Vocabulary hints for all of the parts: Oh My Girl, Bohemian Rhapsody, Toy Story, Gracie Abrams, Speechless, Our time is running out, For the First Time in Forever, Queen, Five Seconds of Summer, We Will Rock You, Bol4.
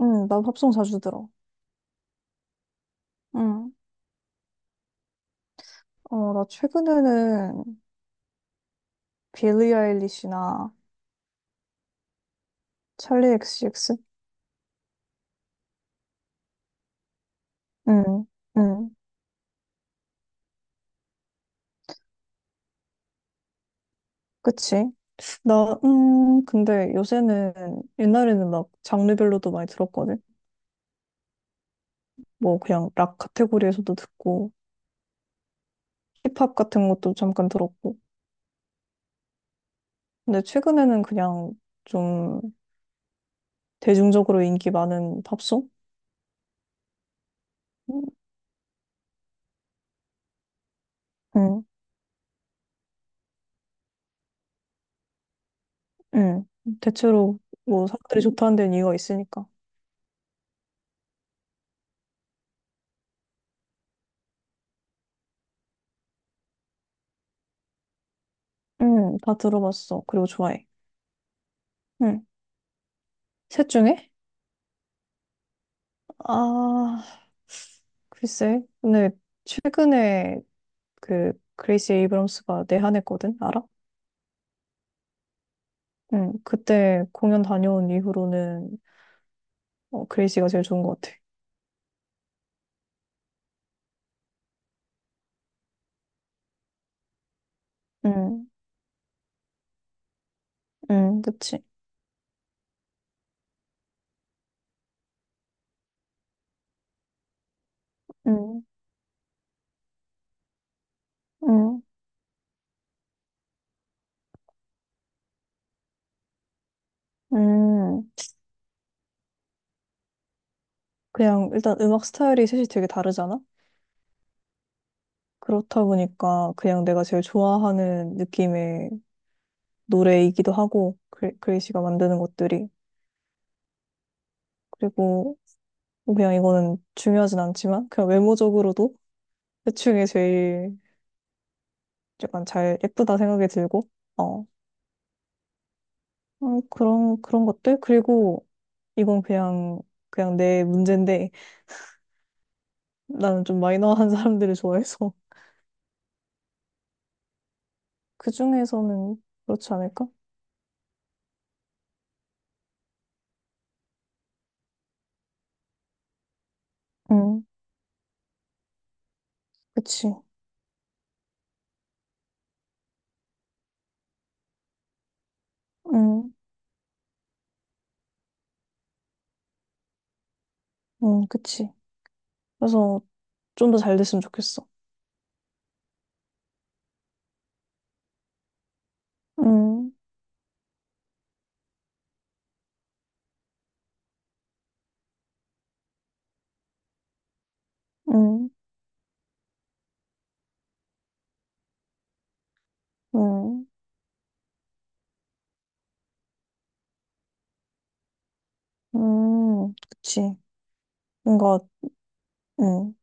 응, 난 팝송 자주 들어. 응. 나 최근에는 빌리 아일리시나 찰리 엑시엑스. 응, 응. 그치? 나, 근데 요새는, 옛날에는 막 장르별로도 많이 들었거든? 뭐, 그냥 락 카테고리에서도 듣고, 힙합 같은 것도 잠깐 들었고. 근데 최근에는 그냥 좀 대중적으로 인기 많은 팝송? 응, 응. 대체로 뭐 사람들이 좋다는 데는 이유가 있으니까. 응, 다 들어봤어. 그리고 좋아해. 응. 셋 중에? 아, 글쎄. 근데 최근에 그 그레이시 에이브럼스가 내한했거든? 알아? 응. 그때 공연 다녀온 이후로는 그레이시가 제일 좋은 것 같아. 응. 응, 그치. 응. 응. 응. 그냥 일단 음악 스타일이 셋이 되게 다르잖아? 그렇다 보니까 그냥 내가 제일 좋아하는 느낌의 노래이기도 하고, 그레이시가 만드는 것들이. 그리고 뭐 그냥 이거는 중요하진 않지만 그냥 외모적으로도 대충이 제일 약간 잘 예쁘다 생각이 들고, 어 그런 것들. 그리고 이건 그냥 내 문제인데, 나는 좀 마이너한 사람들을 좋아해서. 그 중에서는 그렇지 않을까? 응, 그치. 응, 응, 그치. 그래서 좀 더 잘 됐으면 좋겠어. 응, 응, 응, 응, 그치. 뭔가. 응,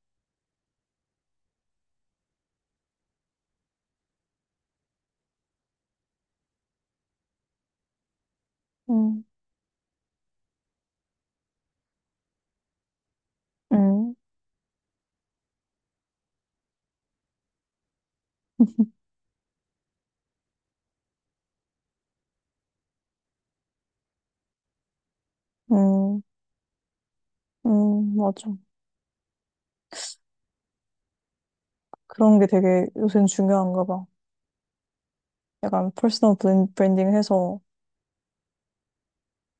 응, 응. 응, 응, 맞아. 그런 게 되게 요새는 중요한가 봐. 약간 퍼스널 브랜딩 해서,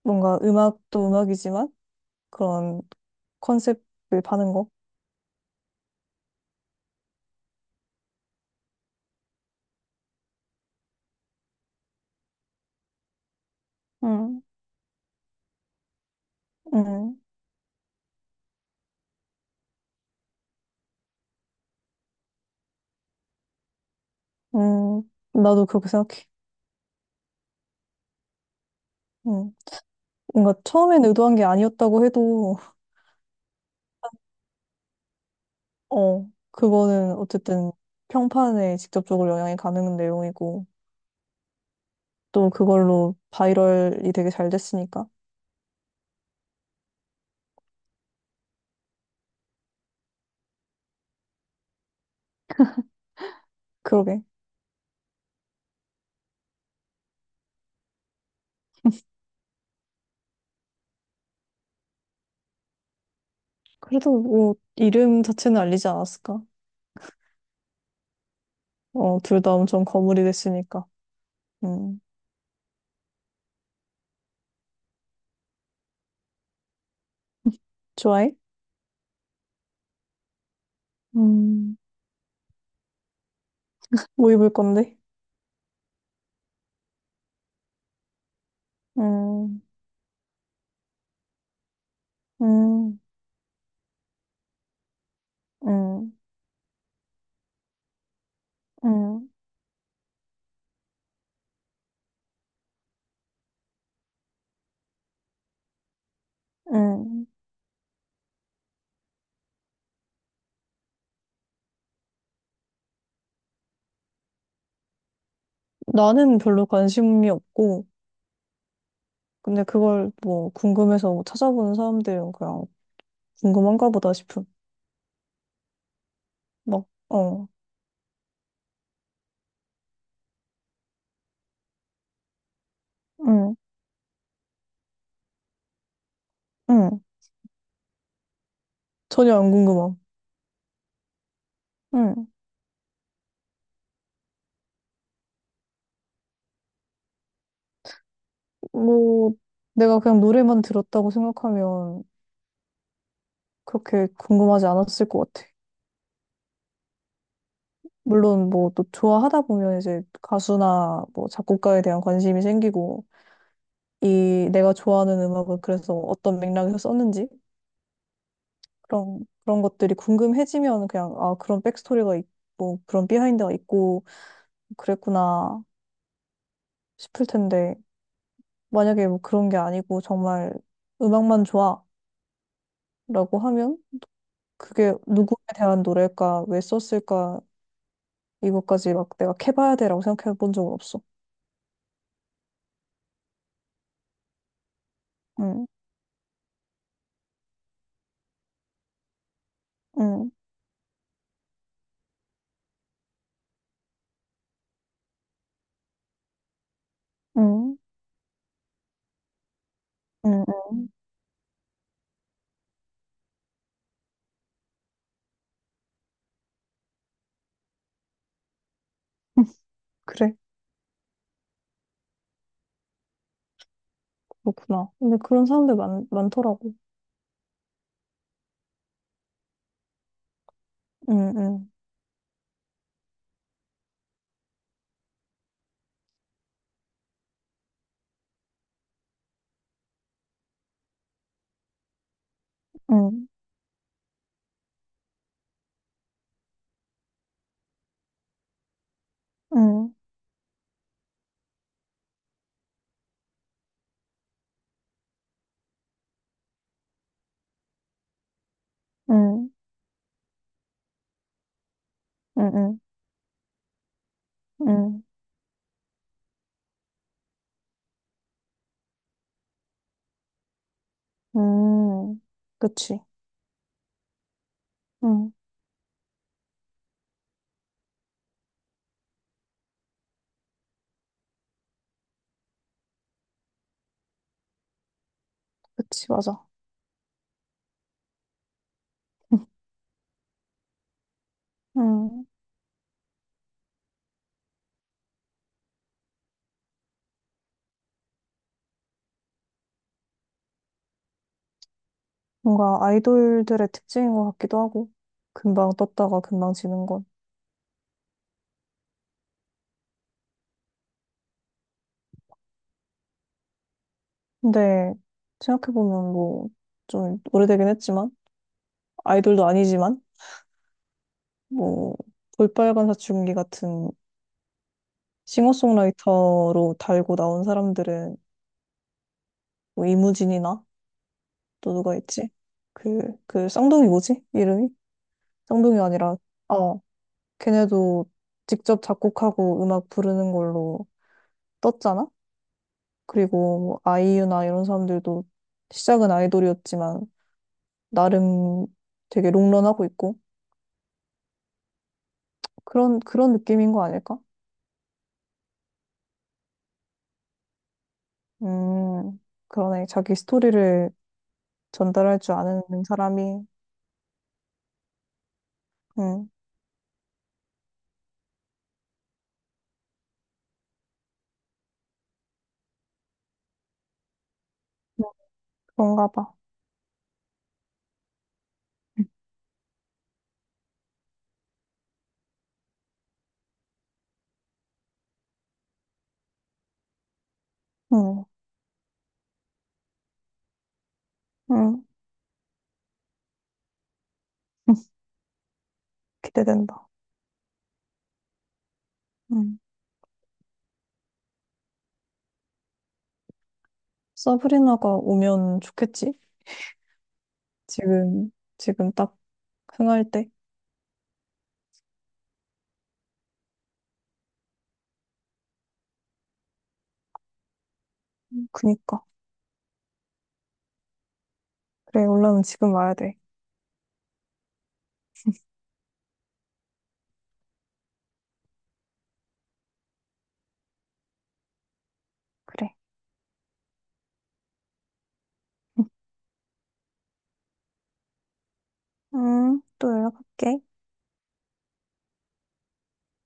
뭔가 음악도 음악이지만 그런 컨셉을 파는 거. 응, 응, 응. 나도 그렇게 생각해. 응. 뭔가 처음엔 의도한 게 아니었다고 해도. 그거는 어쨌든 평판에 직접적으로 영향이 가는 내용이고, 또 그걸로 바이럴이 되게 잘 됐으니까. 그러게. 그래도 뭐, 이름 자체는 알리지 않았을까? 둘 다 엄청 거물이 됐으니까. 음. 좋아해? 음, 뭐 입을 건데? 음, 음, 음, 음, 음. 나는 별로 관심이 없고, 근데 그걸 뭐 궁금해서 뭐 찾아보는 사람들은 그냥 궁금한가 보다 싶음. 막, 어, 응, 응. 전혀 안 궁금함. 응. 뭐, 내가 그냥 노래만 들었다고 생각하면 그렇게 궁금하지 않았을 것 같아. 물론 뭐 또 좋아하다 보면 이제 가수나 뭐 작곡가에 대한 관심이 생기고, 이 내가 좋아하는 음악을 그래서 어떤 맥락에서 썼는지, 그런 것들이 궁금해지면 그냥, 아, 그런 백스토리가 있고, 그런 비하인드가 있고, 그랬구나 싶을 텐데, 만약에 뭐 그런 게 아니고, 정말 음악만 좋아, 라고 하면, 그게 누구에 대한 노래일까, 왜 썼을까, 이것까지 막 내가 캐봐야 돼라고 생각해 본 적은 없어. 응, 응, 응, 응, 응. 응. 그래, 그렇구나. 근데 그런 사람들 많더라고. 응, 응, 응, 응, 응, 응, 응, 응, 응. 그치. 응, 그치, 맞아. 응. 뭔가 아이돌들의 특징인 것 같기도 하고, 금방 떴다가 금방 지는 건. 근데, 생각해보면 뭐, 좀 오래되긴 했지만, 아이돌도 아니지만, 뭐, 볼빨간 사춘기 같은 싱어송라이터로 달고 나온 사람들은, 뭐, 이무진이나, 또 누가 있지? 그, 쌍둥이 뭐지? 이름이? 쌍둥이가 아니라, 어, 걔네도 직접 작곡하고 음악 부르는 걸로 떴잖아? 그리고 뭐 아이유나 이런 사람들도 시작은 아이돌이었지만 나름 되게 롱런하고 있고, 그런 느낌인 거 아닐까? 음, 그러네. 자기 스토리를 전달할 줄 아는 사람이. 음, 뭐 그런가 봐. 음, 음. 기대된다. 음. 서브리나가 오면 좋겠지? 지금 지금 딱 흥할 때. 그니까. 그래, 올라면 지금 와야 돼. 그래. 음, 또 연락할게.